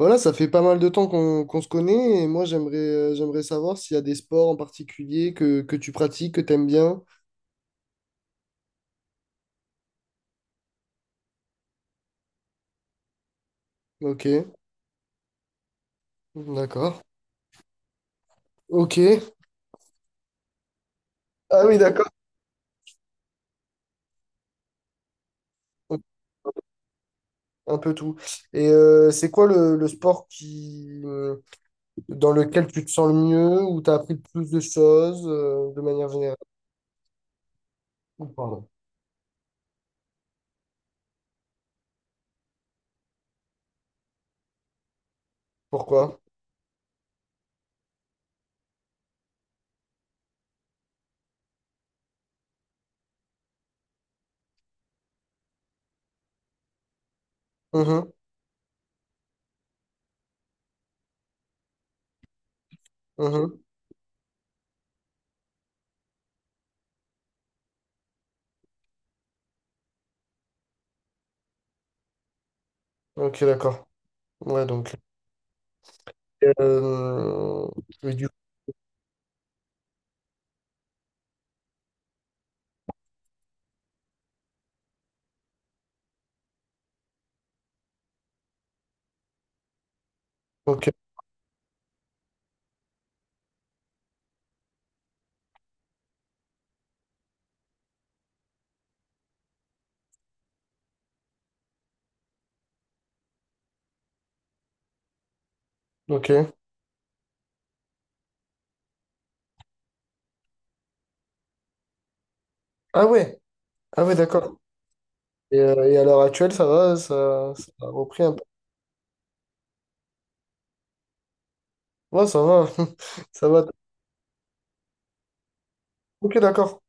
Voilà, ça fait pas mal de temps qu'on se connaît et moi j'aimerais j'aimerais savoir s'il y a des sports en particulier que tu pratiques, que t'aimes bien. Ok, d'accord. Ok. Ah oui, d'accord. Un peu tout. Et c'est quoi le sport qui dans lequel tu te sens le mieux, où tu as appris le plus de choses de manière générale? Ou pardon. Pourquoi? Mhm, mhm. Ok, d'accord. Ouais, donc euh, oui, ok, ok. Ah ouais, ah ouais, d'accord. Et à l'heure actuelle, ça va, ça a repris un peu. Ouais, ça va. Ça va. Ok, d'accord.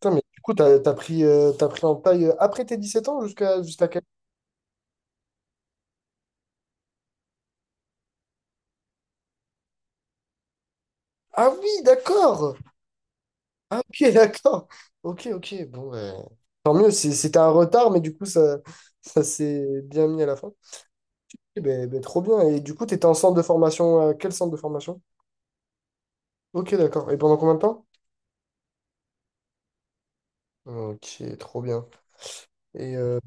Putain, mais du coup, t'as pris en taille après tes 17 ans jusqu'à quel... Ah oui, d'accord. Ah ok, d'accord. Ok, ok. Bon, ben, tant mieux. C'était un retard, mais du coup, ça s'est bien mis à la fin. Eh ben, ben, trop bien. Et du coup, t'étais en centre de formation. Quel centre de formation? Ok, d'accord. Et pendant combien de temps? Ok, trop bien. Et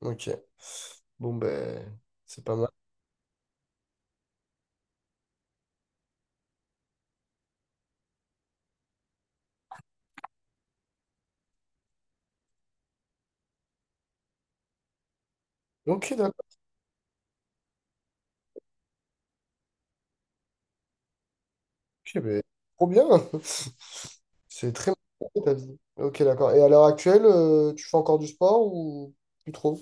ok. Bon, ben, c'est pas mal. Ok, d'accord. Ok, mais trop bien. C'est très marqué, ta vie. Ok, d'accord. Et à l'heure actuelle, tu fais encore du sport ou plus trop?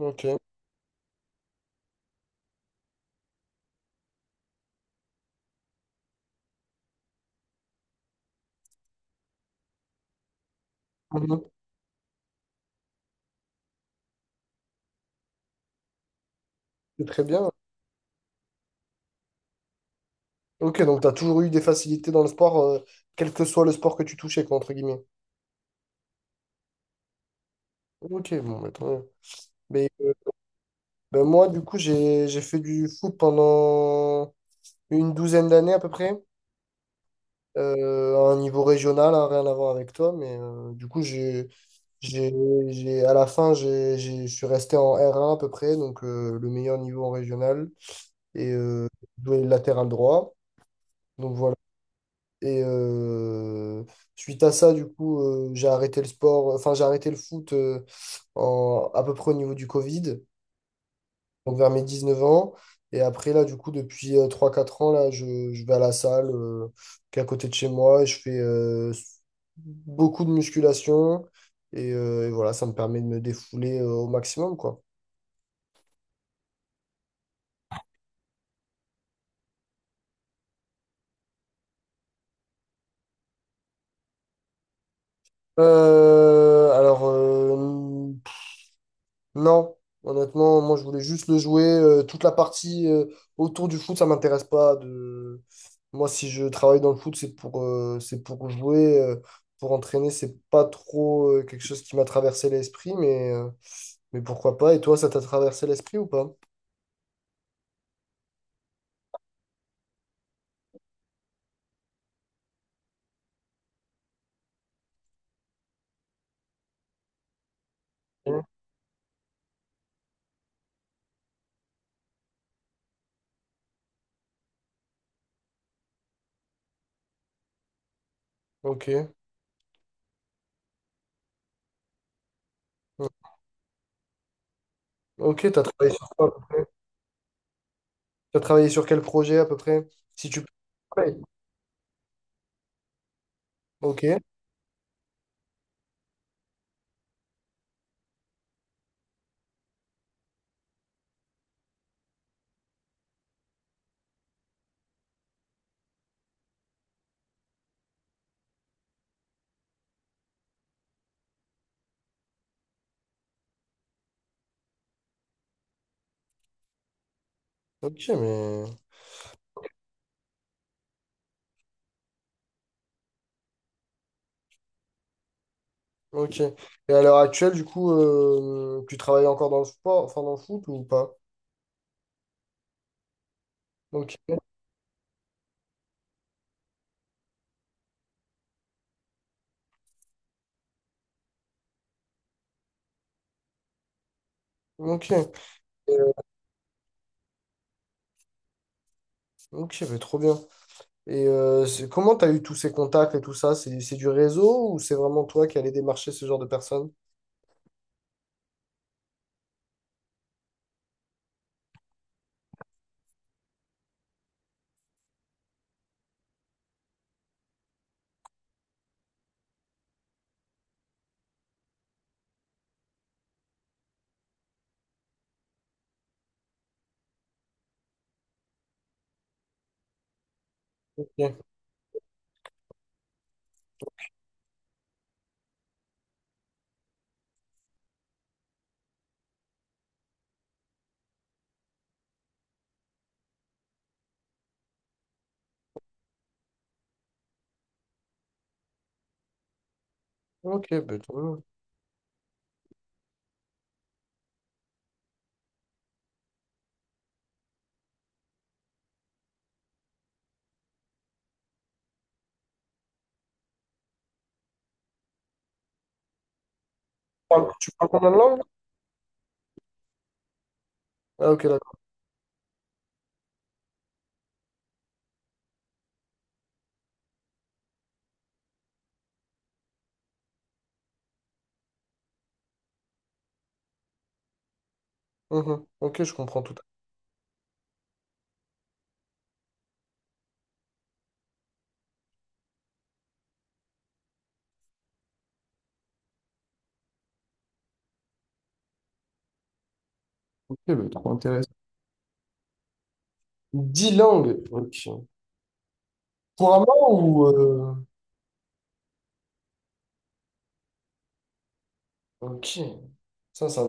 Ok. Mhm. C'est très bien. Ok, donc tu as toujours eu des facilités dans le sport, quel que soit le sport que tu touchais, quoi, entre guillemets. Ok, bon, bah, tant mieux. Mais ben, moi, du coup, j'ai fait du foot pendant une douzaine d'années à peu près. À un niveau régional, hein, rien à voir avec toi, mais du coup, j'ai, à la fin, je suis resté en R1 à peu près, donc le meilleur niveau en régional, et doué latéral droit. Donc voilà. Et suite à ça, du coup, j'ai arrêté le sport, enfin, j'ai arrêté le foot à peu près au niveau du Covid donc vers mes 19 ans. Et après, là, du coup, depuis 3-4 ans, là, je vais à la salle qui est à côté de chez moi et je fais beaucoup de musculation. Et voilà, ça me permet de me défouler au maximum, quoi. Euh, alors, euh, Non, honnêtement, moi je voulais juste le jouer. Toute la partie autour du foot, ça m'intéresse pas. De... Moi, si je travaille dans le foot, c'est pour jouer, pour entraîner. C'est pas trop quelque chose qui m'a traversé l'esprit, mais pourquoi pas. Et toi, ça t'a traversé l'esprit ou pas? Ouais. Ok. Ok, t'as travaillé sur quoi? T'as travaillé sur quel projet à peu près? Si tu peux. Ouais. Ok. Ok, mais. Ok. Et à l'heure actuelle, du coup, tu travailles encore dans le sport, enfin dans le foot ou pas? Ok. Ok. Euh, Ok, bah, trop bien. Et comment t'as eu tous ces contacts et tout ça? C'est du réseau ou c'est vraiment toi qui allais démarcher ce genre de personnes? Ok, ok, bah, trop bien. Tu parles combien de langues? Ah, ok, d'accord. Mhm. Ok, je comprends tout. Ok, bah, trop intéressant. 10 langues. Ok. Couramment ou. Ok. Ça, ça.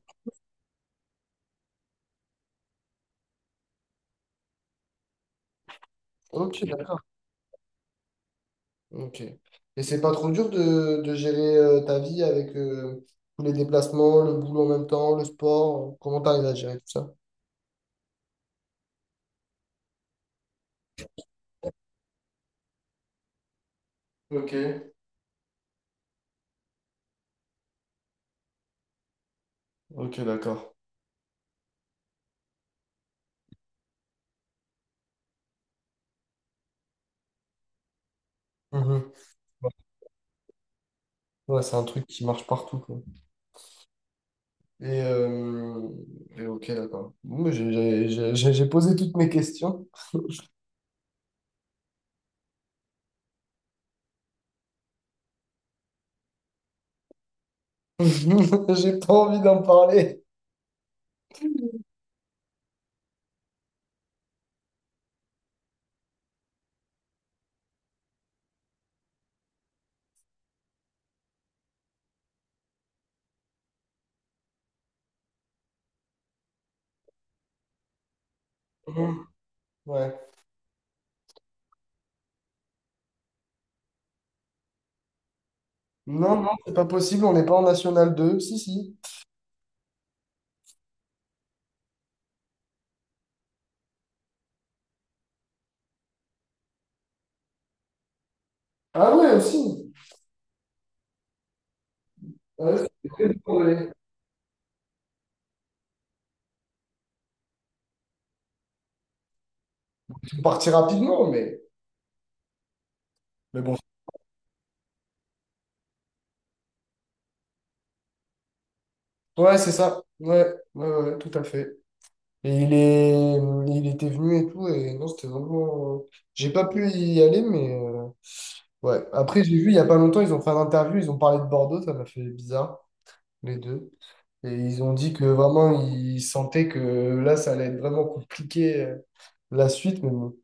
Ok, d'accord. Ok. Et c'est pas trop dur de gérer ta vie avec tous les déplacements, le boulot en même temps, le sport. Comment t'arrives à gérer tout ça? Ok. Ok, d'accord. Mhm. Ouais, c'est un truc qui marche partout, quoi. Et, euh, et ok, d'accord. Bon, mais j'ai posé toutes mes questions. J'ai pas envie d'en parler. Mhm. Ouais. Non, non, c'est pas possible, on n'est pas en National 2, si, si. Ah ouais, aussi. Ah ouais, c'est très drôle. On partit rapidement, mais... Mais bon, ouais, c'est ça. Ouais, ouais, ouais, tout à fait. Et il est... il était venu et tout, et non, c'était vraiment... J'ai pas pu y aller, mais... Ouais. Après, j'ai vu, il y a pas longtemps, ils ont fait un interview, ils ont parlé de Bordeaux, ça m'a fait bizarre, les deux. Et ils ont dit que vraiment, ils sentaient que là, ça allait être vraiment compliqué, la suite, mais bon,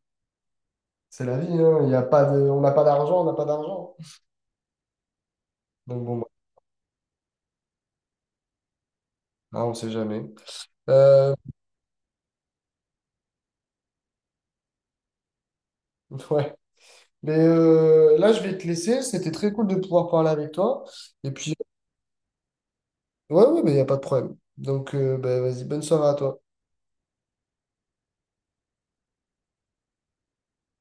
c'est la vie, hein. Il y a pas de... On n'a pas d'argent, on n'a pas d'argent. Donc bon, bah, hein, on sait jamais. Euh, ouais. Mais là, je vais te laisser. C'était très cool de pouvoir parler avec toi. Et puis, ouais, ouais, mais il n'y a pas de problème. Donc, bah, vas-y, bonne soirée à toi.